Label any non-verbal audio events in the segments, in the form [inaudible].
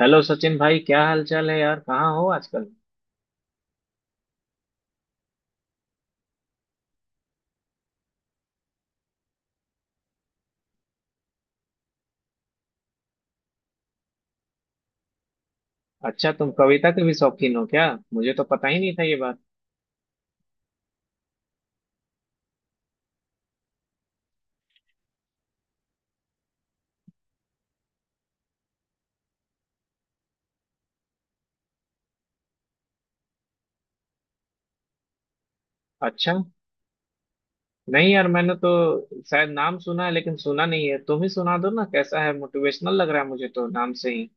Hello Sachin भाई, क्या हाल चाल है यार? कहाँ हो आजकल? अच्छा, तुम कविता के भी शौकीन हो क्या? मुझे तो पता ही नहीं था ये बात। अच्छा। नहीं यार, मैंने तो शायद नाम सुना है लेकिन सुना नहीं है। तुम ही सुना दो ना, कैसा है? मोटिवेशनल लग रहा है मुझे तो नाम से ही।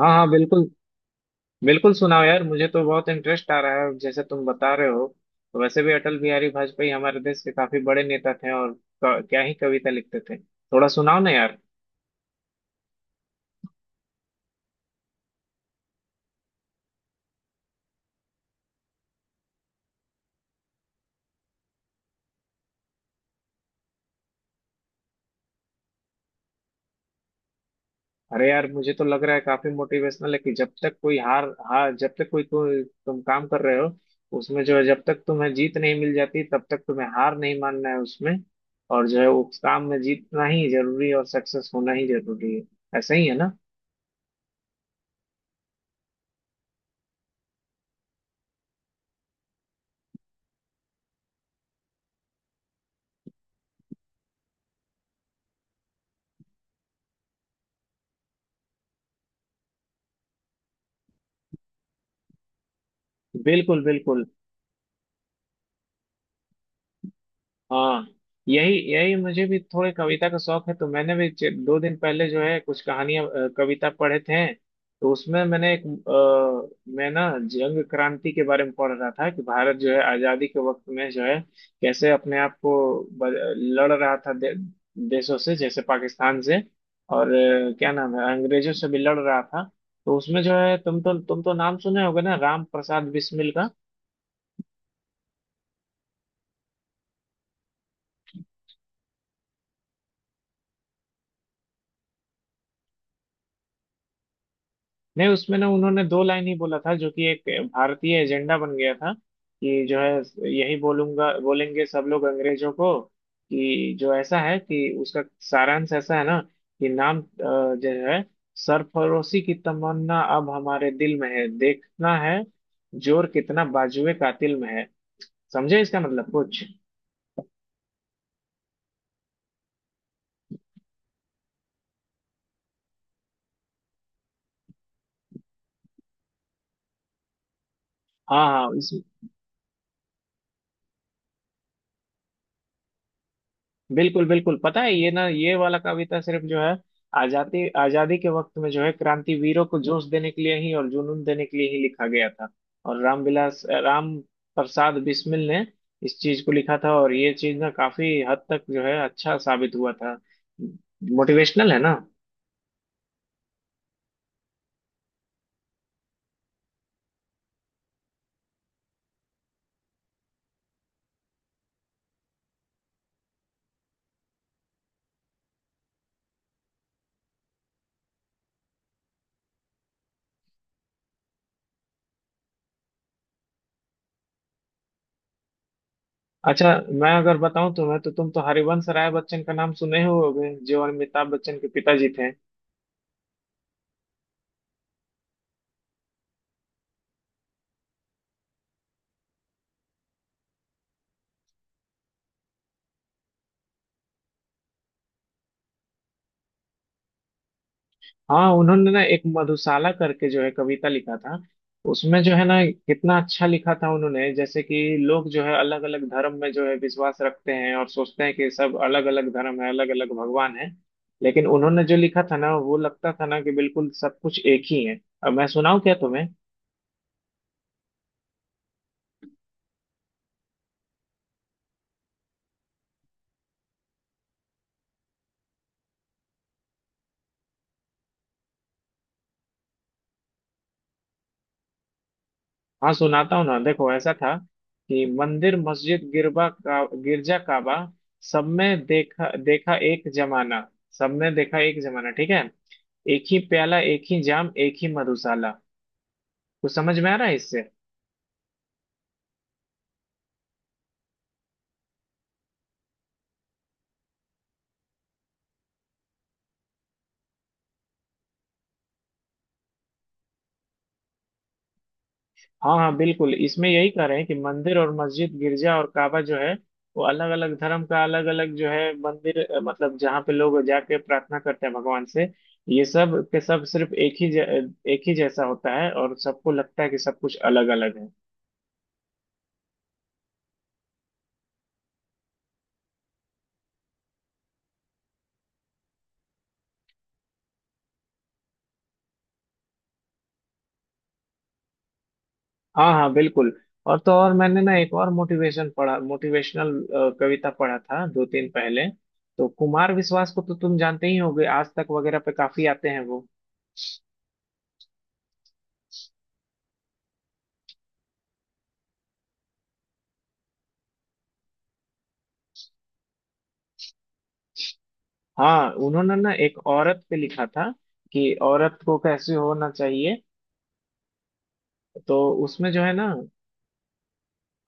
हाँ हाँ, बिल्कुल। बिल्कुल सुनाओ यार, मुझे तो बहुत इंटरेस्ट आ रहा है जैसे तुम बता रहे हो। वैसे भी अटल बिहारी वाजपेयी हमारे देश के काफी बड़े नेता थे, और क्या ही कविता लिखते थे। थोड़ा सुनाओ ना यार। अरे यार, मुझे तो लग रहा है काफी मोटिवेशनल है, कि जब तक कोई हार, हार, जब तक कोई कोई तुम काम कर रहे हो, उसमें जो है, जब तक तुम्हें जीत नहीं मिल जाती तब तक तुम्हें हार नहीं मानना है उसमें। और जो है, उस काम में जीतना ही जरूरी है और सक्सेस होना ही जरूरी है। ऐसा ही है ना? बिल्कुल बिल्कुल। हाँ, यही यही, मुझे भी थोड़े कविता का शौक है। तो मैंने भी दो दिन पहले जो है, कुछ कहानियां कविता पढ़े थे। तो उसमें मैंने एक मैं ना जंग क्रांति के बारे में पढ़ रहा था, कि भारत जो है आजादी के वक्त में जो है कैसे अपने आप को लड़ रहा था देशों से, जैसे पाकिस्तान से, और क्या नाम है, अंग्रेजों से भी लड़ रहा था। तो उसमें जो है, तुम तो नाम सुने होगे ना राम प्रसाद बिस्मिल का। नहीं, उसमें ना उन्होंने दो लाइन ही बोला था, जो कि एक भारतीय एजेंडा बन गया था। कि जो है, यही बोलूंगा बोलेंगे सब लोग अंग्रेजों को। कि जो ऐसा है कि उसका सारांश ऐसा है ना, कि नाम जो है, सरफरोशी की तमन्ना अब हमारे दिल में है, देखना है जोर कितना बाजुए कातिल में है। समझे इसका मतलब कुछ? हाँ हाँ। इस, बिल्कुल बिल्कुल, पता है ये ना, ये वाला कविता सिर्फ जो है आजादी, आजादी के वक्त में जो है क्रांतिवीरों को जोश देने के लिए ही और जुनून देने के लिए ही लिखा गया था। और रामविलास राम प्रसाद बिस्मिल ने इस चीज को लिखा था, और ये चीज ना काफी हद तक जो है अच्छा साबित हुआ था। मोटिवेशनल है ना? अच्छा, मैं अगर बताऊं तुम्हें, तो तुम तो हरिवंश राय बच्चन का नाम सुने ही होगे, जो अमिताभ बच्चन के पिताजी थे। हाँ, उन्होंने ना एक मधुशाला करके जो है कविता लिखा था। उसमें जो है ना, कितना अच्छा लिखा था उन्होंने, जैसे कि लोग जो है अलग अलग धर्म में जो है विश्वास रखते हैं और सोचते हैं कि सब अलग अलग धर्म है, अलग अलग भगवान है। लेकिन उन्होंने जो लिखा था ना, वो लगता था ना कि बिल्कुल सब कुछ एक ही है। अब मैं सुनाऊं क्या तुम्हें? हाँ सुनाता हूँ ना, देखो ऐसा था कि मंदिर मस्जिद गिरबा का गिरजा काबा, सब में देखा देखा एक जमाना, सब में देखा एक जमाना, ठीक है, एक ही प्याला एक ही जाम एक ही मधुशाला। कुछ समझ में आ रहा है इससे? हाँ हाँ, बिल्कुल, इसमें यही कह रहे हैं कि मंदिर और मस्जिद गिरजा और काबा जो है, वो अलग अलग धर्म का अलग अलग जो है मंदिर मतलब जहाँ पे लोग जाके प्रार्थना करते हैं भगवान से, ये सब के सब सिर्फ एक ही एक ही जैसा होता है, और सबको लगता है कि सब कुछ अलग अलग है। हाँ हाँ बिल्कुल। और तो और, मैंने ना एक और मोटिवेशन पढ़ा, मोटिवेशनल कविता पढ़ा था दो तीन पहले। तो कुमार विश्वास को तो तुम जानते ही होगे, आज तक वगैरह पे काफी आते हैं वो। हाँ, उन्होंने ना एक औरत पे लिखा था, कि औरत को कैसे होना चाहिए। तो उसमें जो है ना,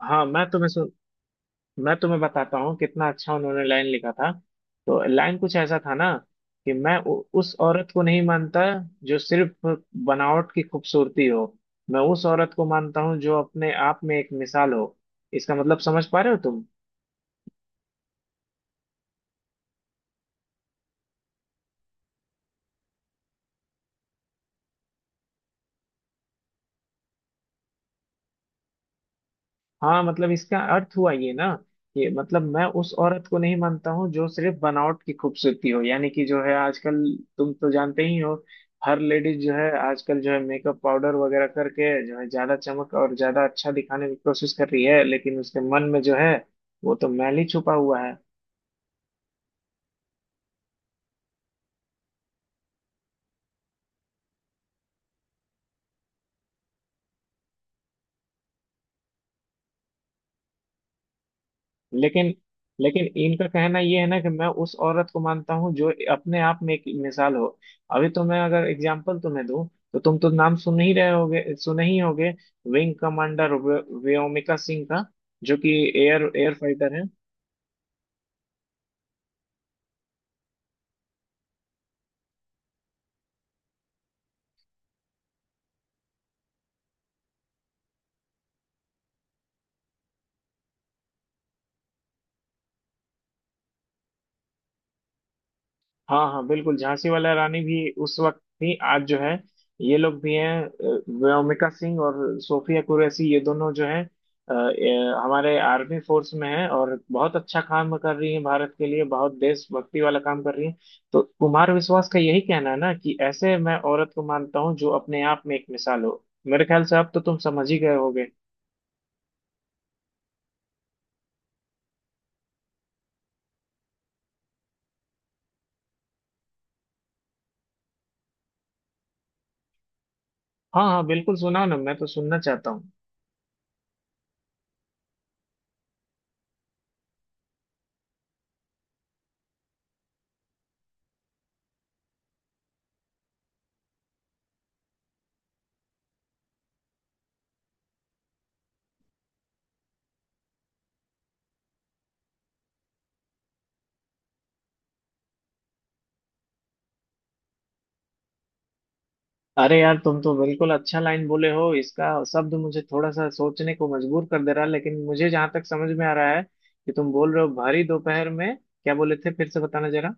हाँ मैं तुम्हें बताता हूँ कितना अच्छा उन्होंने लाइन लिखा था। तो लाइन कुछ ऐसा था ना, कि मैं उस औरत को नहीं मानता जो सिर्फ बनावट की खूबसूरती हो, मैं उस औरत को मानता हूँ जो अपने आप में एक मिसाल हो। इसका मतलब समझ पा रहे हो तुम? हाँ, मतलब इसका अर्थ हुआ ये ना, कि मतलब मैं उस औरत को नहीं मानता हूँ जो सिर्फ बनावट की खूबसूरती हो, यानी कि जो है आजकल, तुम तो जानते ही हो, हर लेडीज जो है आजकल जो है मेकअप पाउडर वगैरह करके जो है ज्यादा चमक और ज्यादा अच्छा दिखाने की कोशिश कर रही है, लेकिन उसके मन में जो है वो तो मैल ही छुपा हुआ है। लेकिन लेकिन इनका कहना ये है ना, कि मैं उस औरत को मानता हूँ जो अपने आप में एक मिसाल हो। अभी तो मैं अगर एग्जाम्पल तुम्हें दूं, तो तुम तो नाम सुन ही रहे होगे, सुने ही होगे, विंग कमांडर व्योमिका सिंह का, जो कि एयर एयर फाइटर है। हाँ हाँ, बिल्कुल, झांसी वाला रानी भी उस वक्त थी, आज जो है ये लोग भी हैं, व्योमिका सिंह और सोफिया कुरैशी, ये दोनों जो हैं हमारे आर्मी फोर्स में हैं और बहुत अच्छा काम कर रही हैं, भारत के लिए बहुत देशभक्ति वाला काम कर रही हैं। तो कुमार विश्वास का यही कहना है ना कि ऐसे मैं औरत को मानता हूँ जो अपने आप में एक मिसाल हो। मेरे ख्याल से अब तो तुम समझ ही गए होगे। हाँ हाँ, बिल्कुल सुनाओ ना, मैं तो सुनना चाहता हूँ। अरे यार, तुम तो बिल्कुल अच्छा लाइन बोले हो, इसका शब्द मुझे थोड़ा सा सोचने को मजबूर कर दे रहा है। लेकिन मुझे जहां तक समझ में आ रहा है कि तुम बोल रहे हो भारी दोपहर में, क्या बोले थे फिर से बताना जरा?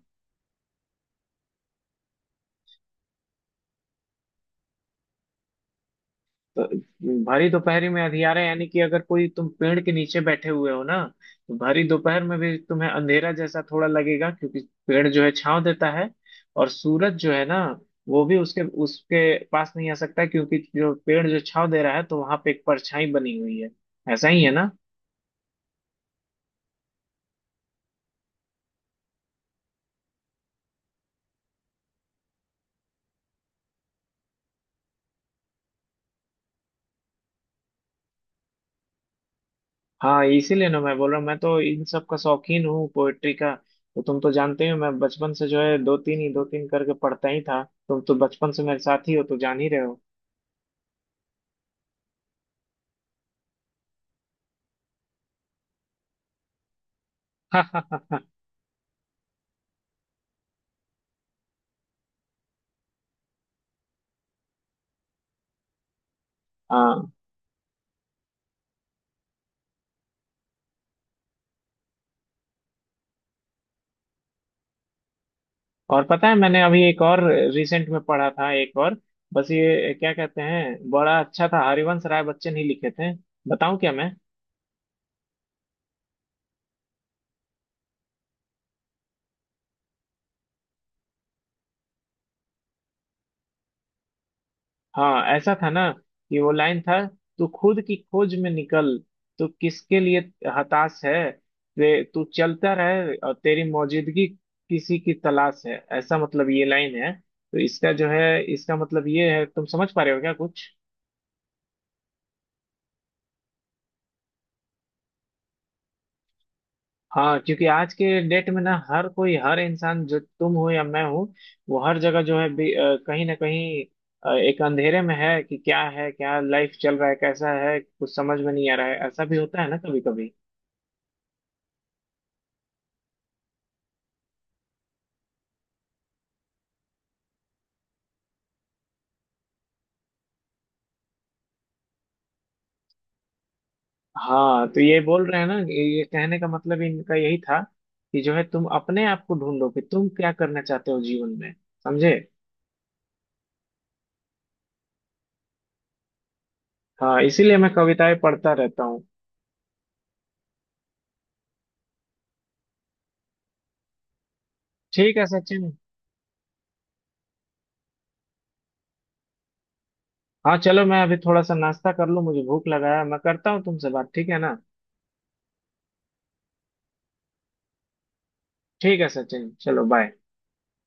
तो भारी दोपहरी में अंधियारा, यानी कि अगर कोई तुम पेड़ के नीचे बैठे हुए हो ना, तो भारी दोपहर में भी तुम्हें अंधेरा जैसा थोड़ा लगेगा, क्योंकि पेड़ जो है छांव देता है, और सूरज जो है ना वो भी उसके उसके पास नहीं आ सकता, क्योंकि जो पेड़ जो छांव दे रहा है तो वहां पे एक परछाई बनी हुई है। ऐसा ही है ना? हाँ, इसीलिए ना मैं बोल रहा हूँ, मैं तो इन सब का शौकीन हूँ पोएट्री का। तो तुम तो जानते ही हो, मैं बचपन से जो है दो तीन ही दो तीन करके पढ़ता ही था। तुम तो बचपन से मेरे साथ ही हो, तो जान ही रहे हो। [laughs] हाँ, और पता है, मैंने अभी एक और रिसेंट में पढ़ा था, एक और, बस ये क्या कहते हैं, बड़ा अच्छा था, हरिवंश राय बच्चन ही लिखे थे। बताऊं क्या मैं? हाँ, ऐसा था ना कि वो लाइन था, तू खुद की खोज में निकल, तू किसके लिए हताश है, तू चलता रहे और तेरी मौजूदगी किसी की तलाश है, ऐसा मतलब ये लाइन है। तो इसका जो है, इसका मतलब ये है, तुम समझ पा रहे हो क्या कुछ? हाँ, क्योंकि आज के डेट में ना हर कोई, हर इंसान, जो तुम हो या मैं हूँ, वो हर जगह जो है कहीं ना कहीं एक अंधेरे में है कि क्या है, क्या लाइफ चल रहा है, कैसा है, कुछ समझ में नहीं आ रहा है, ऐसा भी होता है ना कभी कभी। हाँ, तो ये बोल रहे हैं ना, ये कहने का मतलब इनका यही था, कि जो है तुम अपने आप को ढूंढो कि तुम क्या करना चाहते हो जीवन में। समझे? हाँ, इसीलिए मैं कविताएं पढ़ता रहता हूँ। ठीक है सचिन। हाँ चलो, मैं अभी थोड़ा सा नाश्ता कर लूँ, मुझे भूख लगा है। मैं करता हूँ तुमसे बात, ठीक है ना? ठीक है सचिन, चलो बाय।